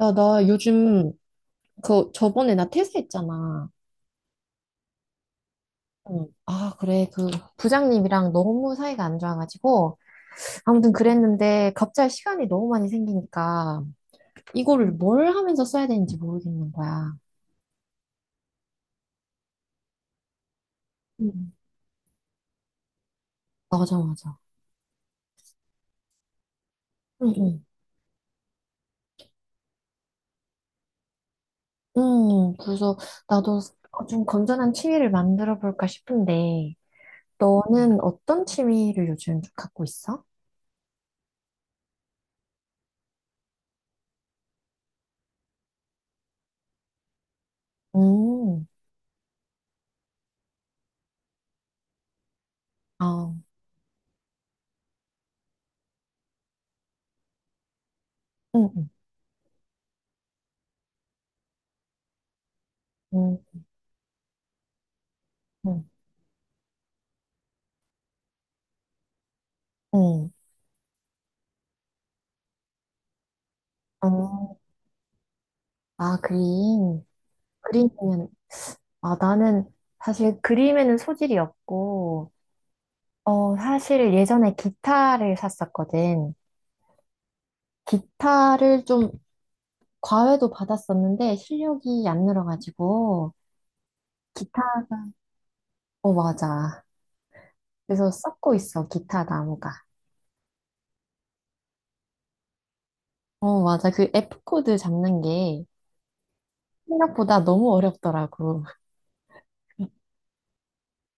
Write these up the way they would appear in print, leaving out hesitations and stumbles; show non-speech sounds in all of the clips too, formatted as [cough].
야, 나 요즘 그 저번에 나 퇴사했잖아. 응. 아, 그래. 그 부장님이랑 너무 사이가 안 좋아가지고 아무튼 그랬는데 갑자기 시간이 너무 많이 생기니까 이거를 뭘 하면서 써야 되는지 모르겠는 거야. 응. 맞아, 맞아. 응, 응. 응, 그래서 나도 좀 건전한 취미를 만들어 볼까 싶은데 너는 어떤 취미를 요즘 좀 갖고 있어? 음. 아, 응, 응, 응, 응. 응. 어, 아, 그림. 그림이면, 아, 나는 사실 그림에는 소질이 없고, 어, 사실 예전에 기타를 샀었거든. 기타를 좀 과외도 받았었는데 실력이 안 늘어가지고, 기타, 어, 맞아. 그래서 썩고 있어, 기타 나무가. 어, 맞아. 그 F코드 잡는 게 생각보다 너무 어렵더라고. [laughs]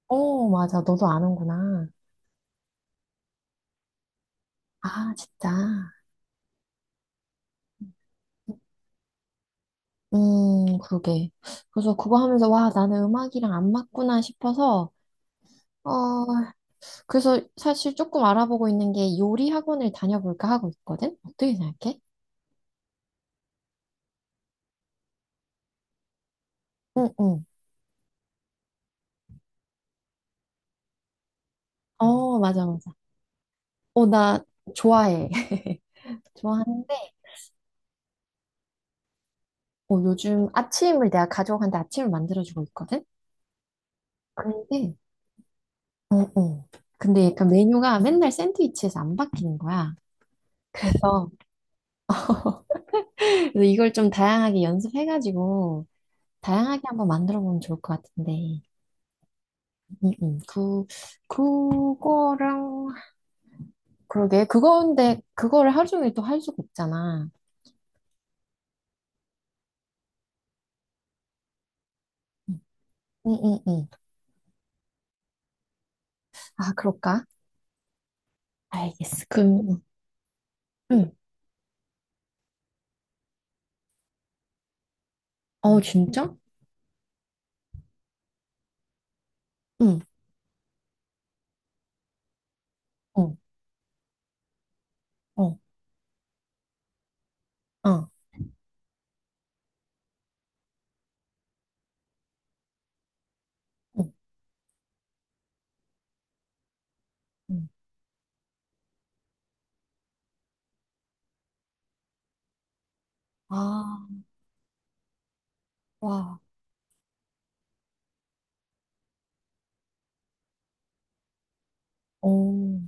어, 맞아. 너도 아는구나. 아, 진짜. 그러게. 그래서 그거 하면서, 와, 나는 음악이랑 안 맞구나 싶어서, 어, 그래서 사실 조금 알아보고 있는 게 요리 학원을 다녀볼까 하고 있거든? 어떻게 생각해? 응, 응. 어, 맞아, 맞아. 어, 나 좋아해. [laughs] 좋아하는데, 어, 요즘 아침을 내가 가족한테 아침을 만들어주고 있거든? 근데, 어, 어. 근데 약간 메뉴가 맨날 샌드위치에서 안 바뀌는 거야. 그래서 그래서 이걸 좀 다양하게 연습해가지고, 다양하게 한번 만들어 보면 좋을 것 같은데. 음, 음. 그, 그거랑, 그러게. 그건데, 그거를 하루 종일 또 할 수가 없잖아. 응, 응, 응. 아, 그럴까? 알겠어. 그럼, 응. 어, 진짜? 응, 어, 어, 어, 응, 응. 아, 와, 어,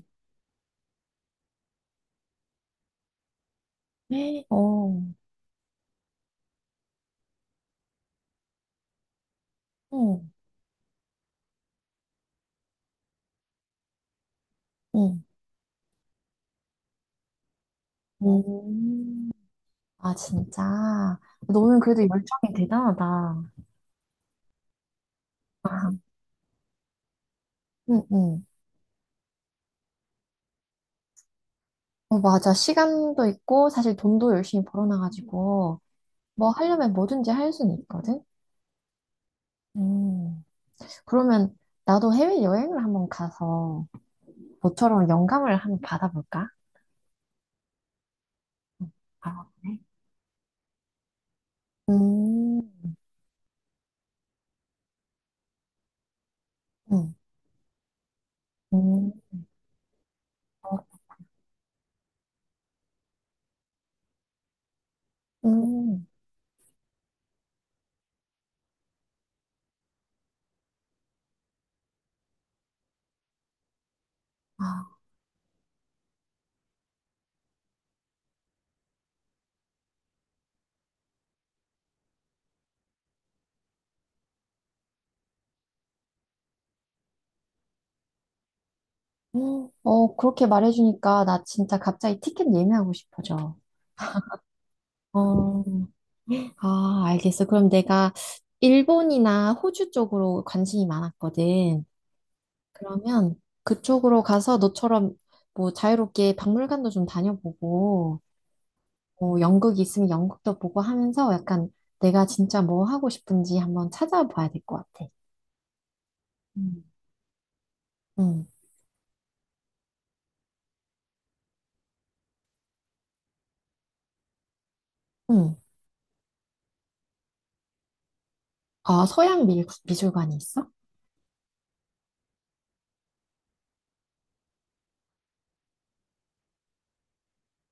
에, 어, 응, 응, 음. 아, 진짜. 너는 그래도 열정이 대단하다. 아, 응, 응. 어, 맞아. 시간도 있고, 사실 돈도 열심히 벌어놔가지고. 뭐 하려면 뭐든지 할 수는 있거든? 음, 그러면 나도 해외여행을 한번 가서 너처럼 영감을 한번 받아볼까? 응, 알아보네. 음, 응, 음, 어, 음. 아, 어, 그렇게 말해주니까 나 진짜 갑자기 티켓 예매하고 싶어져. 어, 아, 알겠어. 그럼 내가 일본이나 호주 쪽으로 관심이 많았거든. 그러면 그쪽으로 가서 너처럼 뭐 자유롭게 박물관도 좀 다녀보고, 뭐 연극이 있으면 연극도 보고 하면서 약간 내가 진짜 뭐 하고 싶은지 한번 찾아봐야 될 것 같아. 음. 응, 응. 아, 서양 미술관이 있어?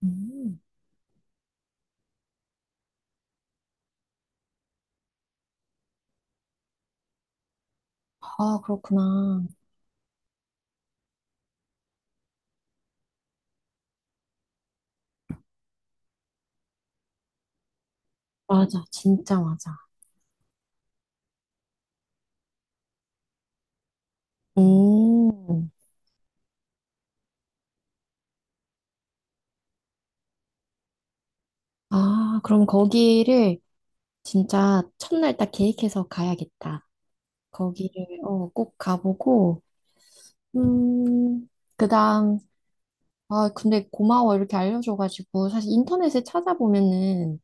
음. 아, 그렇구나. 맞아, 진짜 맞아. 음. 아, 그럼 거기를 진짜 첫날 딱 계획해서 가야겠다. 거기를 꼭 가보고, 음, 그다음, 아, 근데 고마워. 이렇게 알려줘가지고. 사실 인터넷에 찾아보면은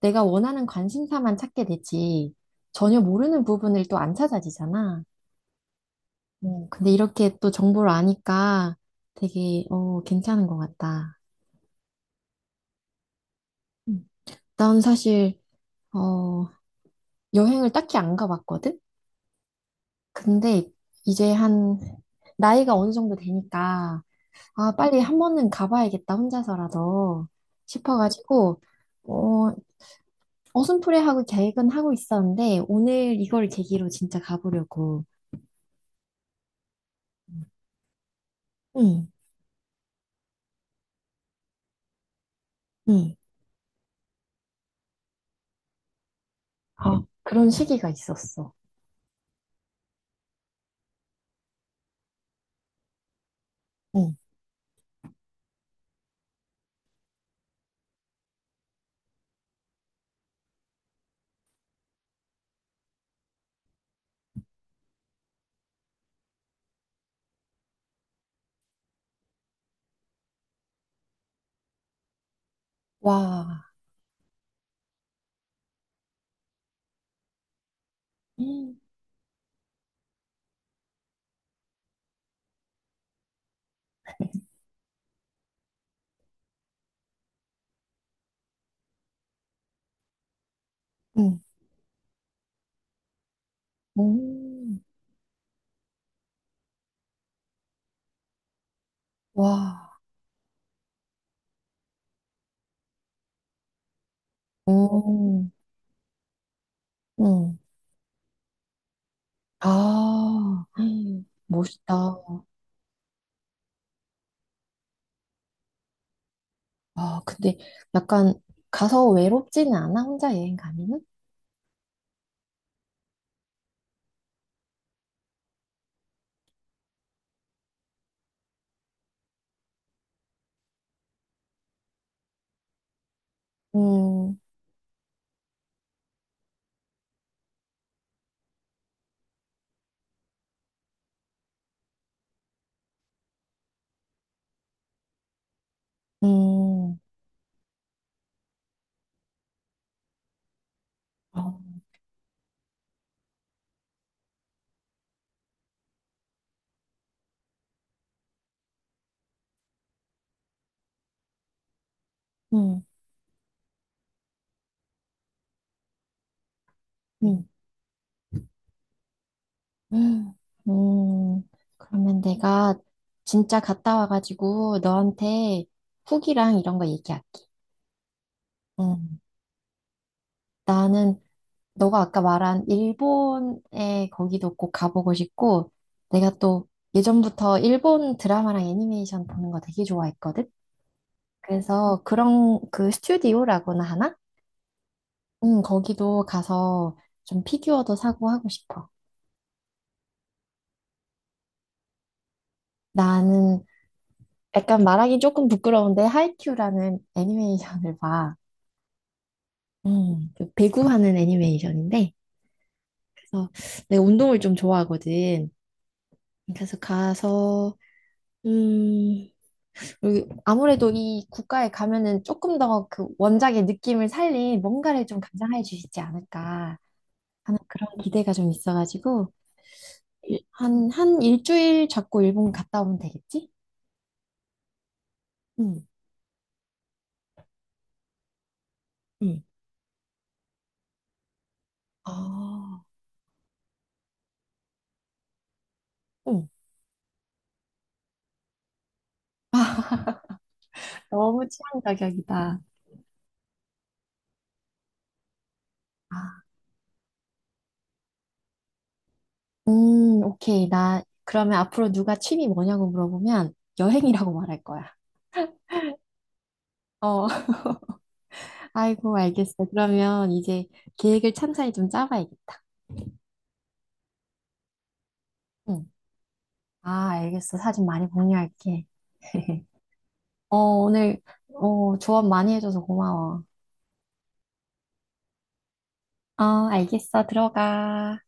내가 원하는 관심사만 찾게 되지. 전혀 모르는 부분을 또 안 찾아지잖아. 어, 근데 이렇게 또 정보를 아니까 되게, 괜찮은 것 같다. 음. 난 사실, 어, 여행을 딱히 안 가봤거든? 근데 이제 나이가 어느 정도 되니까, 아, 빨리 한 번은 가봐야겠다, 혼자서라도 싶어가지고, 어, 어슴푸레하고 계획은 하고 있었는데, 오늘 이걸 계기로 진짜 가보려고. 응, 응. 아, 그런 시기가 있었어. 응, 와, 음, 응, 음, 와, 음, 응. 아, 멋있다. 아, 근데 약간 가서 외롭지는 않아, 혼자 여행 가면은? 음, 음, 어, 음, 음, 음, 음. 그러면 내가 진짜 갔다 와가지고 너한테 후기랑 이런 거 얘기할게. 음. 나는 너가 아까 말한 일본에 거기도 꼭 가보고 싶고 내가 또 예전부터 일본 드라마랑 애니메이션 보는 거 되게 좋아했거든. 그래서 그런 그 스튜디오라고나 하나? 거기도 가서 좀 피규어도 사고 하고 싶어. 나는 약간 말하기 조금 부끄러운데 하이큐라는 애니메이션을 봐. 그 배구하는 애니메이션인데 그래서 내가 운동을 좀 좋아하거든. 그래서 가서 음, 그리고 아무래도 이 국가에 가면은 조금 더 그 원작의 느낌을 살린 뭔가를 좀 감상해 주시지 않을까 하는 그런 기대가 좀 있어가지고 한, 한 일주일 잡고 일본 갔다 오면 되겠지? 응, 응. 아, 응. 너무 취향 저격이다. 아, 오케이. 나 그러면 앞으로 누가 취미 뭐냐고 물어보면 여행이라고 말할 거야. 어, [laughs] 아이고, 알겠어. 그러면 이제 계획을 찬찬히 좀 짜봐야겠다. 응. 아, 알겠어. 사진 많이 공유할게. [laughs] 어, 오늘, 조언 많이 해줘서 고마워. 어, 알겠어. 들어가.